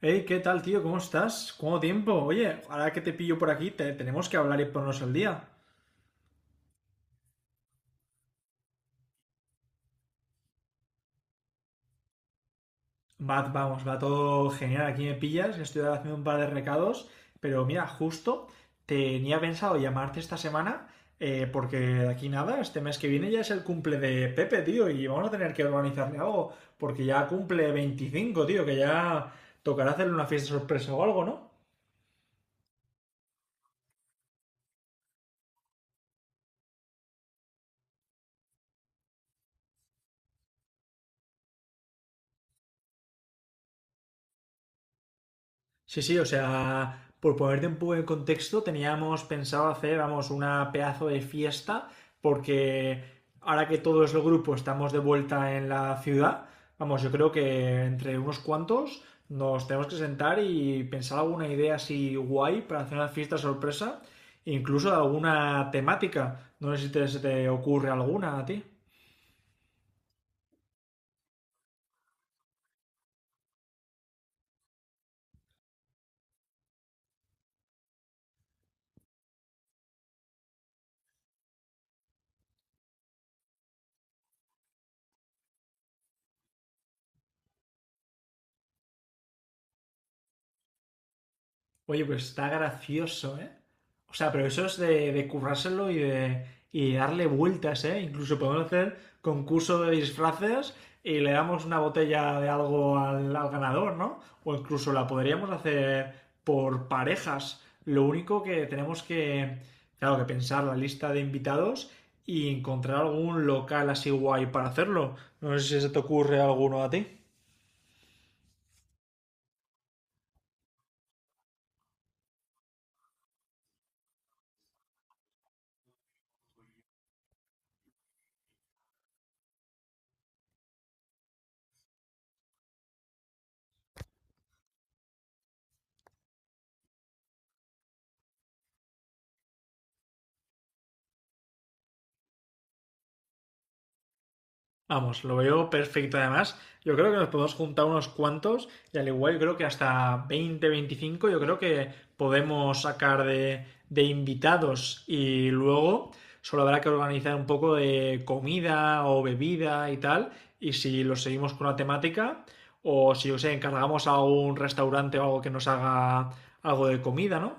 Hey, ¿qué tal, tío? ¿Cómo estás? ¿Cuánto tiempo? Oye, ahora que te pillo por aquí, tenemos que hablar y ponernos al día. Va, vamos, va todo genial. Aquí me pillas, estoy ahora haciendo un par de recados, pero mira, justo tenía pensado llamarte esta semana, porque de aquí nada, este mes que viene ya es el cumple de Pepe, tío, y vamos a tener que organizarle algo, porque ya cumple 25, tío, que ya tocará hacerle una fiesta sorpresa o algo, ¿no? Sí, sí, o sea, por ponerte un poco en contexto, teníamos pensado hacer, vamos, una pedazo de fiesta, porque ahora que todo es los grupo estamos de vuelta en la ciudad, vamos, yo creo que entre unos cuantos nos tenemos que sentar y pensar alguna idea así guay para hacer una fiesta sorpresa, incluso de alguna temática. No sé si se te ocurre alguna a ti. Oye, pues está gracioso, ¿eh? O sea, pero eso es de currárselo y de darle vueltas, ¿eh? Incluso podemos hacer concurso de disfraces y le damos una botella de algo al ganador, ¿no? O incluso la podríamos hacer por parejas. Lo único que tenemos que, claro, que pensar la lista de invitados y encontrar algún local así guay para hacerlo. No sé si se te ocurre alguno a ti. Vamos, lo veo perfecto además. Yo creo que nos podemos juntar unos cuantos y al igual yo creo que hasta 20, 25. Yo creo que podemos sacar de invitados y luego solo habrá que organizar un poco de comida o bebida y tal y si lo seguimos con una temática o si, o sea, encargamos a un restaurante o algo que nos haga algo de comida, ¿no?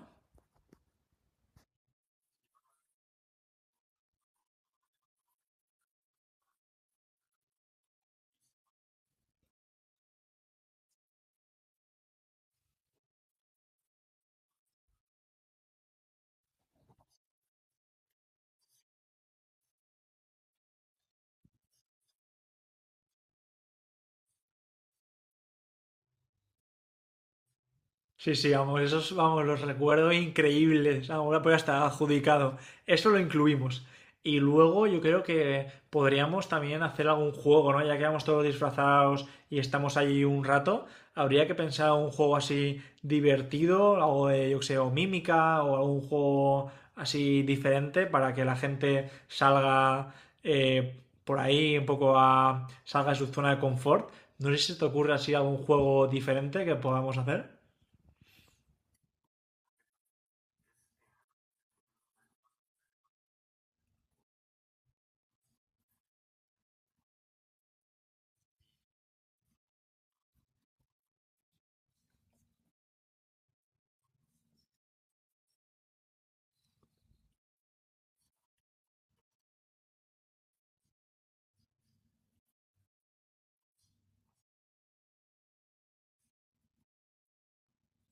Sí, sí, vamos, esos, vamos, los recuerdo increíbles. Ahora pues hasta adjudicado. Eso lo incluimos. Y luego yo creo que podríamos también hacer algún juego, ¿no? Ya que vamos todos disfrazados y estamos allí un rato, habría que pensar un juego así divertido, algo de, yo qué sé, o mímica, o algún juego así diferente para que la gente salga eh, por ahí un poco salga de su zona de confort. No sé si se te ocurre así algún juego diferente que podamos hacer.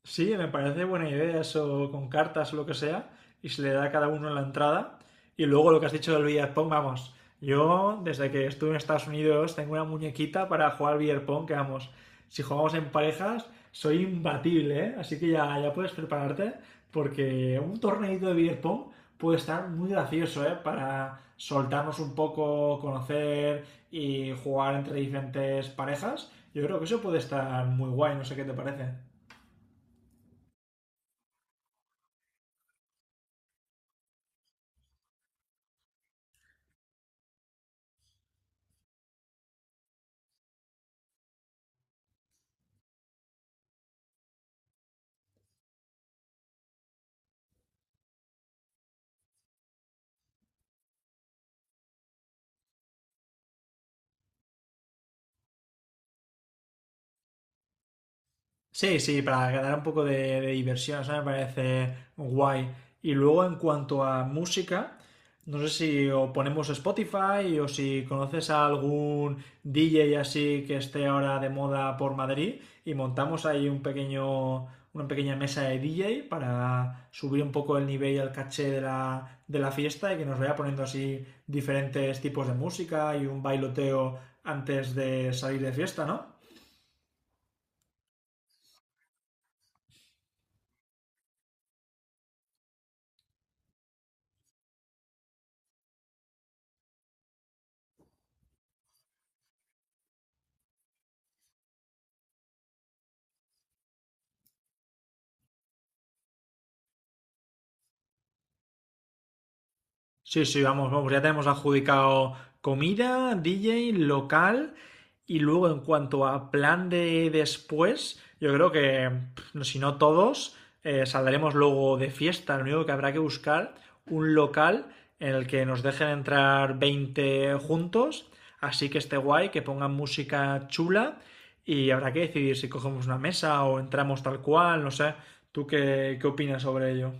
Sí, me parece buena idea eso con cartas o lo que sea, y se le da a cada uno en la entrada. Y luego lo que has dicho del billar pong, vamos. Yo, desde que estuve en Estados Unidos, tengo una muñequita para jugar al beer pong, que vamos, si jugamos en parejas, soy imbatible, ¿eh? Así que ya, ya puedes prepararte, porque un torneito de billar pong puede estar muy gracioso, ¿eh? Para soltarnos un poco, conocer y jugar entre diferentes parejas. Yo creo que eso puede estar muy guay, no sé qué te parece. Sí, sí, para ganar un poco de diversión, eso me parece guay. Y luego en cuanto a música, no sé si o ponemos Spotify o si conoces a algún DJ así que esté ahora de moda por Madrid y montamos ahí un pequeño, una pequeña mesa de DJ para subir un poco el nivel y el caché de la fiesta y que nos vaya poniendo así diferentes tipos de música y un bailoteo antes de salir de fiesta, ¿no? Sí, sí, vamos, vamos, ya tenemos adjudicado comida, DJ, local y luego en cuanto a plan de después, yo creo que pff, si no todos, saldremos luego de fiesta, lo único que habrá que buscar un local en el que nos dejen entrar 20 juntos, así que esté guay, que pongan música chula y habrá que decidir si cogemos una mesa o entramos tal cual, no sé, ¿tú qué, qué opinas sobre ello?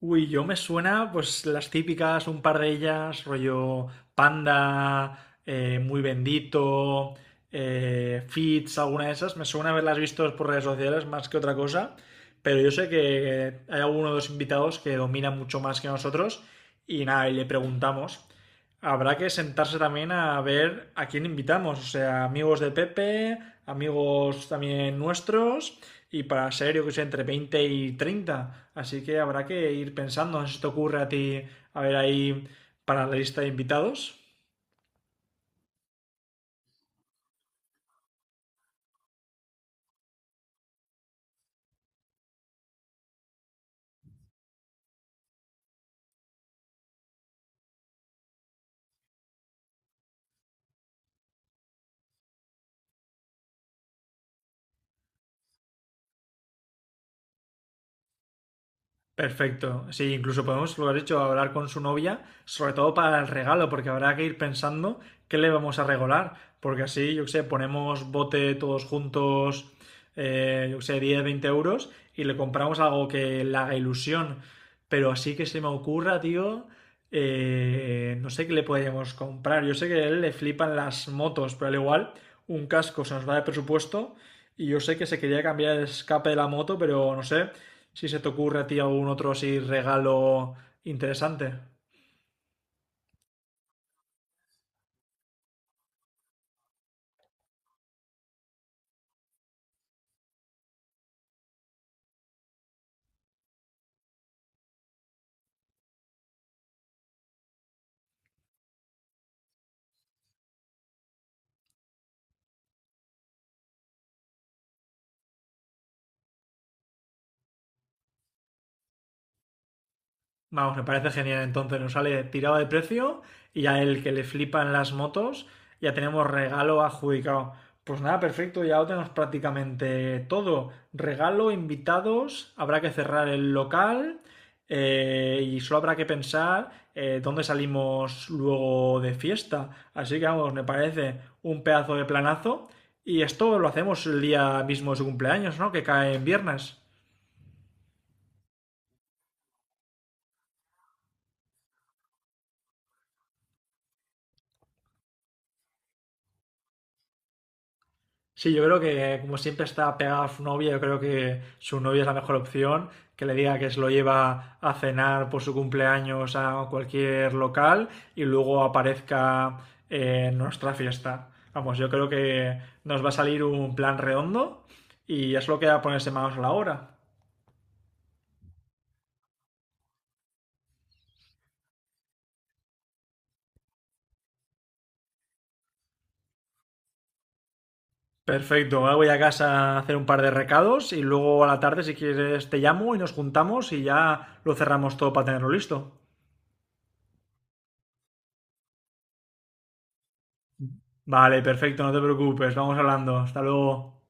Uy, yo me suena, pues las típicas, un par de ellas, rollo Panda, Muy Bendito, Fits, alguna de esas. Me suena haberlas visto por redes sociales más que otra cosa, pero yo sé que hay alguno de los invitados que domina mucho más que nosotros y nada, y le preguntamos. Habrá que sentarse también a ver a quién invitamos, o sea, amigos de Pepe, amigos también nuestros y para ser, yo que sé, entre 20 y 30. Así que habrá que ir pensando, no sé si te ocurre a ti, a ver ahí para la lista de invitados. Perfecto. Sí, incluso podemos, lo has dicho, hablar con su novia, sobre todo para el regalo, porque habrá que ir pensando qué le vamos a regalar, porque así, yo qué sé, ponemos bote todos juntos, yo qué sé, 10, 20 euros y le compramos algo que le haga ilusión. Pero así que se me ocurra, tío, no sé qué le podríamos comprar. Yo sé que a él le flipan las motos, pero al igual un casco se nos va de presupuesto y yo sé que se quería cambiar el escape de la moto, pero no sé, si se te ocurre a ti algún otro así regalo interesante. Vamos, me parece genial. Entonces nos sale tirado de precio y a el que le flipan las motos, ya tenemos regalo adjudicado. Pues nada, perfecto, ya lo tenemos prácticamente todo. Regalo, invitados, habrá que cerrar el local y solo habrá que pensar dónde salimos luego de fiesta. Así que vamos, me parece un pedazo de planazo. Y esto lo hacemos el día mismo de su cumpleaños, ¿no? Que cae en viernes. Sí, yo creo que como siempre está pegada a su novia, yo creo que su novia es la mejor opción, que le diga que se lo lleva a cenar por su cumpleaños a cualquier local y luego aparezca en nuestra fiesta. Vamos, yo creo que nos va a salir un plan redondo y ya solo queda ponerse manos a la obra. Perfecto, ahora voy a casa a hacer un par de recados y luego a la tarde si quieres te llamo y nos juntamos y ya lo cerramos todo para tenerlo listo. Vale, perfecto, no te preocupes, vamos hablando. Hasta luego.